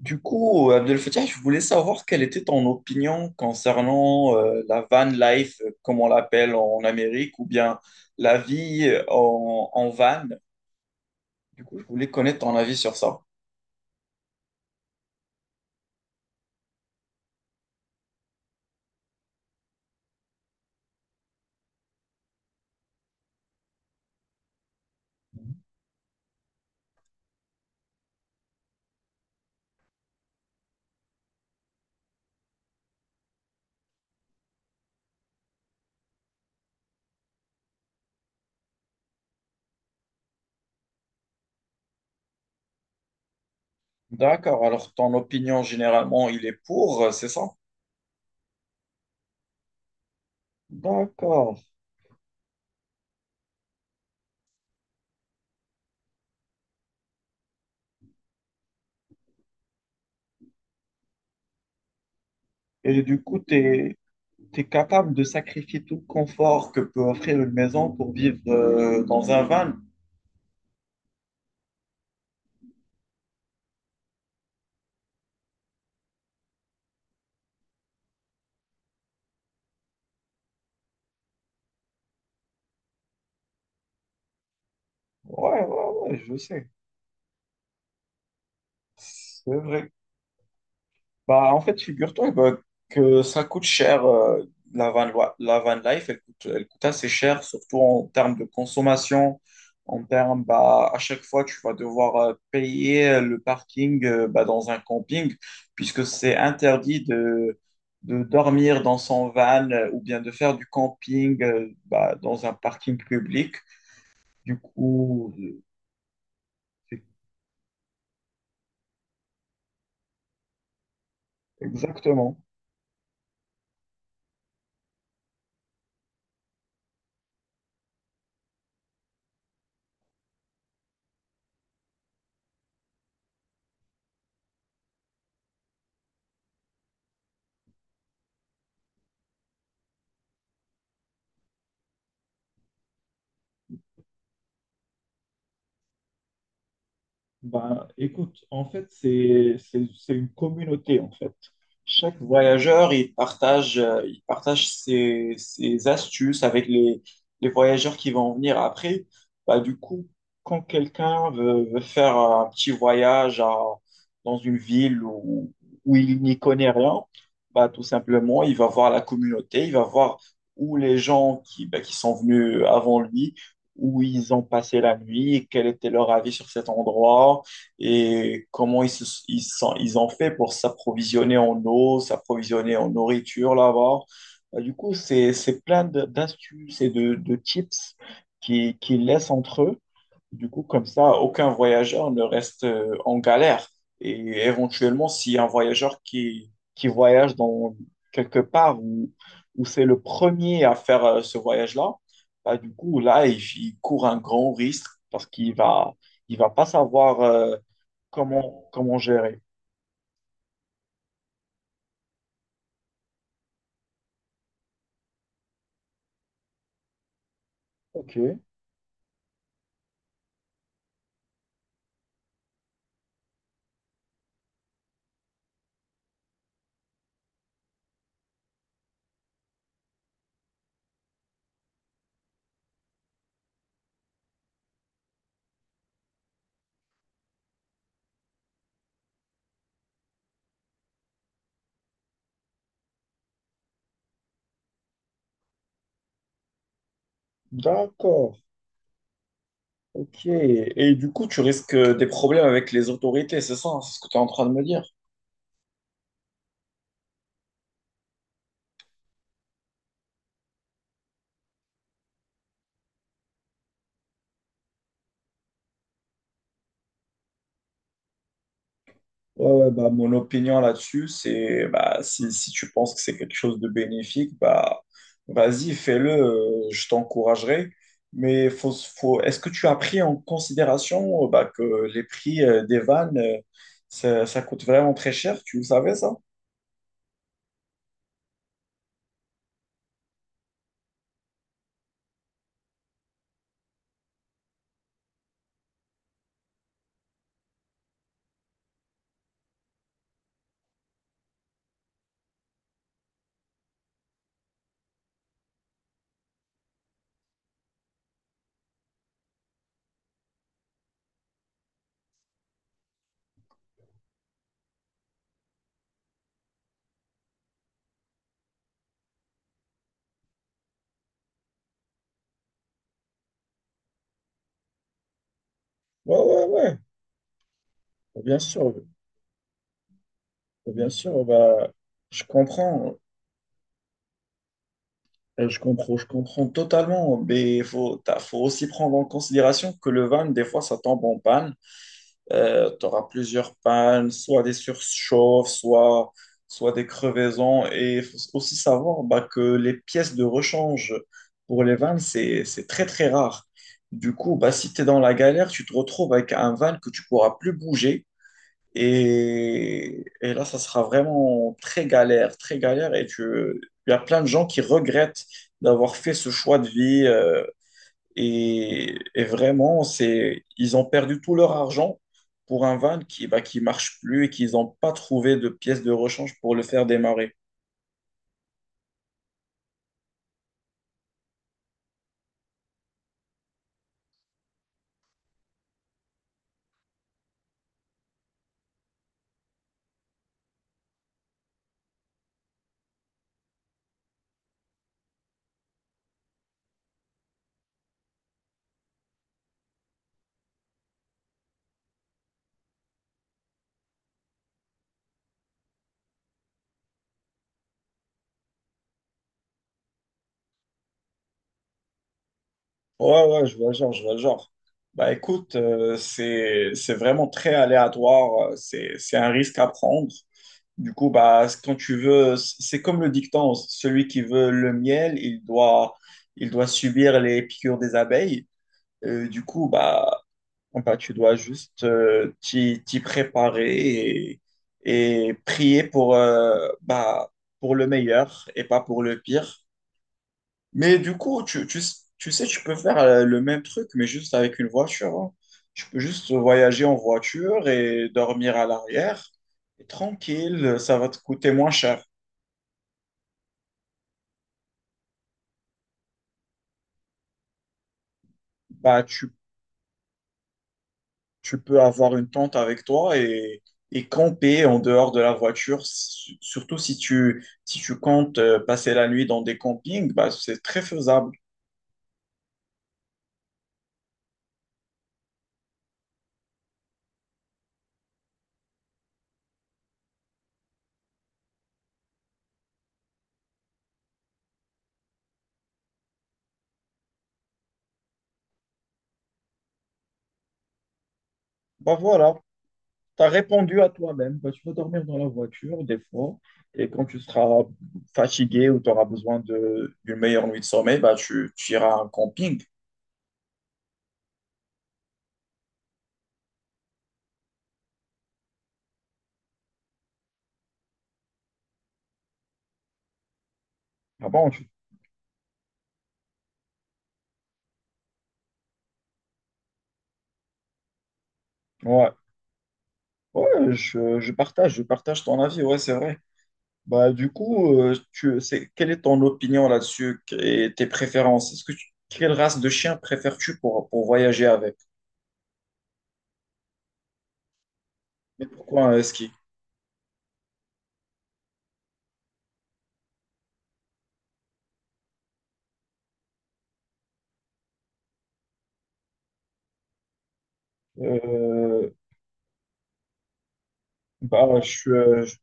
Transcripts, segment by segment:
Du coup, Abdel Fattah, je voulais savoir quelle était ton opinion concernant la van life, comme on l'appelle en Amérique, ou bien la vie en, en van. Du coup, je voulais connaître ton avis sur ça. D'accord, alors ton opinion généralement, il est pour, c'est ça? D'accord. Et du coup, tu es, capable de sacrifier tout le confort que peut offrir une maison pour vivre dans un van. Ouais, ouais, ouais, je sais. C'est vrai. Bah, en fait, figure-toi bah, que ça coûte cher. La van, la van life, elle coûte assez cher, surtout en termes de consommation. En termes, bah, à chaque fois, tu vas devoir payer le parking bah, dans un camping, puisque c'est interdit de dormir dans son van ou bien de faire du camping bah, dans un parking public. Du coup. C'est- Exactement. Ben, écoute, en fait, c'est une communauté, en fait. Chaque voyageur, il partage ses, ses astuces avec les voyageurs qui vont venir après. Bah, du coup, quand quelqu'un veut, veut faire un petit voyage dans une ville où, où il n'y connaît rien, bah, tout simplement, il va voir la communauté, il va voir où les gens qui, bah, qui sont venus avant lui, où ils ont passé la nuit, quel était leur avis sur cet endroit et comment ils, se- ils, sont- ils ont fait pour s'approvisionner en eau, s'approvisionner en nourriture là-bas. Bah, du coup, c'est plein d'astuces et de tips qu'ils laissent entre eux. Du coup, comme ça, aucun voyageur ne reste en galère. Et éventuellement, s'il y a un voyageur qui voyage dans quelque part où, où c'est le premier à faire ce voyage-là, bah, du coup, là, il court un grand risque parce qu'il va, il va pas savoir comment, comment gérer. Ok, d'accord. Ok. Et du coup, tu risques des problèmes avec les autorités, c'est ça? C'est ce que tu es en train de me dire. Ouais, ouais, bah, mon opinion là-dessus, c'est bah, si, si tu penses que c'est quelque chose de bénéfique, bah, vas-y, fais-le, je t'encouragerai. Mais faut, faut, est-ce que tu as pris en considération bah, que les prix des vannes, ça, ça coûte vraiment très cher, tu le savais ça? Ouais, ouais, ouais, bien sûr, bien sûr, bah, je comprends, je comprends, je comprends totalement, mais il faut, faut aussi prendre en considération que le van, des fois, ça tombe en panne. Tu auras plusieurs pannes, soit des surchauffes, soit, soit des crevaisons. Et il faut aussi savoir bah, que les pièces de rechange pour les vannes, c'est très, très rare. Du coup, bah, si tu es dans la galère, tu te retrouves avec un van que tu pourras plus bouger. Et là, ça sera vraiment très galère, très galère. Et tu, il y a plein de gens qui regrettent d'avoir fait ce choix de vie. Et vraiment, c'est, ils ont perdu tout leur argent pour un van qui, bah, qui marche plus et qu'ils n'ont pas trouvé de pièces de rechange pour le faire démarrer. Ouais, ouais, je vois le genre, je vois le genre. Bah écoute, c'est vraiment très aléatoire, c'est un risque à prendre. Du coup, bah, quand tu veux, c'est comme le dicton, celui qui veut le miel, il doit subir les piqûres des abeilles. Du coup, bah, ah bah, tu dois juste t'y préparer et prier pour, bah, pour le meilleur et pas pour le pire. Mais du coup, tu sais, tu peux faire le même truc, mais juste avec une voiture. Hein. Tu peux juste voyager en voiture et dormir à l'arrière. Et tranquille, ça va te coûter moins cher. Bah, tu peux avoir une tente avec toi et camper en dehors de la voiture. Surtout si tu, si tu comptes passer la nuit dans des campings, bah, c'est très faisable. Bah voilà, tu as répondu à toi-même. Bah, tu vas dormir dans la voiture des fois. Et quand tu seras fatigué ou tu auras besoin de, d'une meilleure nuit de sommeil, bah, tu iras à un camping. Ah bon, ouais, ouais je partage ton avis, ouais, c'est vrai. Bah, du coup, tu, c'est, quelle est ton opinion là-dessus et tes préférences? Quelle race de chien préfères-tu pour voyager avec? Mais pourquoi un husky? Euh, Bah, je, je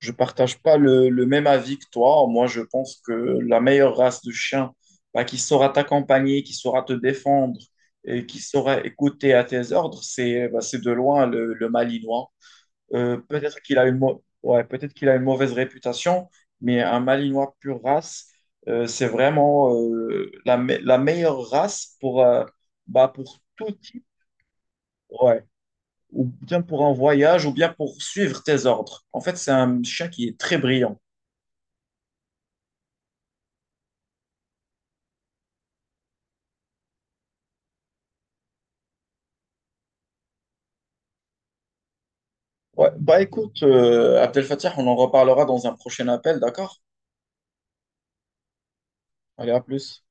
je partage pas le, le même avis que toi. Moi, je pense que la meilleure race de chien, bah, qui saura t'accompagner, qui saura te défendre et qui saura écouter à tes ordres, c'est bah, c'est de loin le Malinois. Peut-être qu'il a une ouais, peut-être qu'il a une mauvaise réputation, mais un Malinois pure race, c'est vraiment la, la meilleure race pour, bah, pour tout type, ouais. Ou bien pour un voyage, ou bien pour suivre tes ordres. En fait, c'est un chien qui est très brillant. Ouais. Bah écoute, Abdel Fattah, on en reparlera dans un prochain appel, d'accord? Allez, à plus.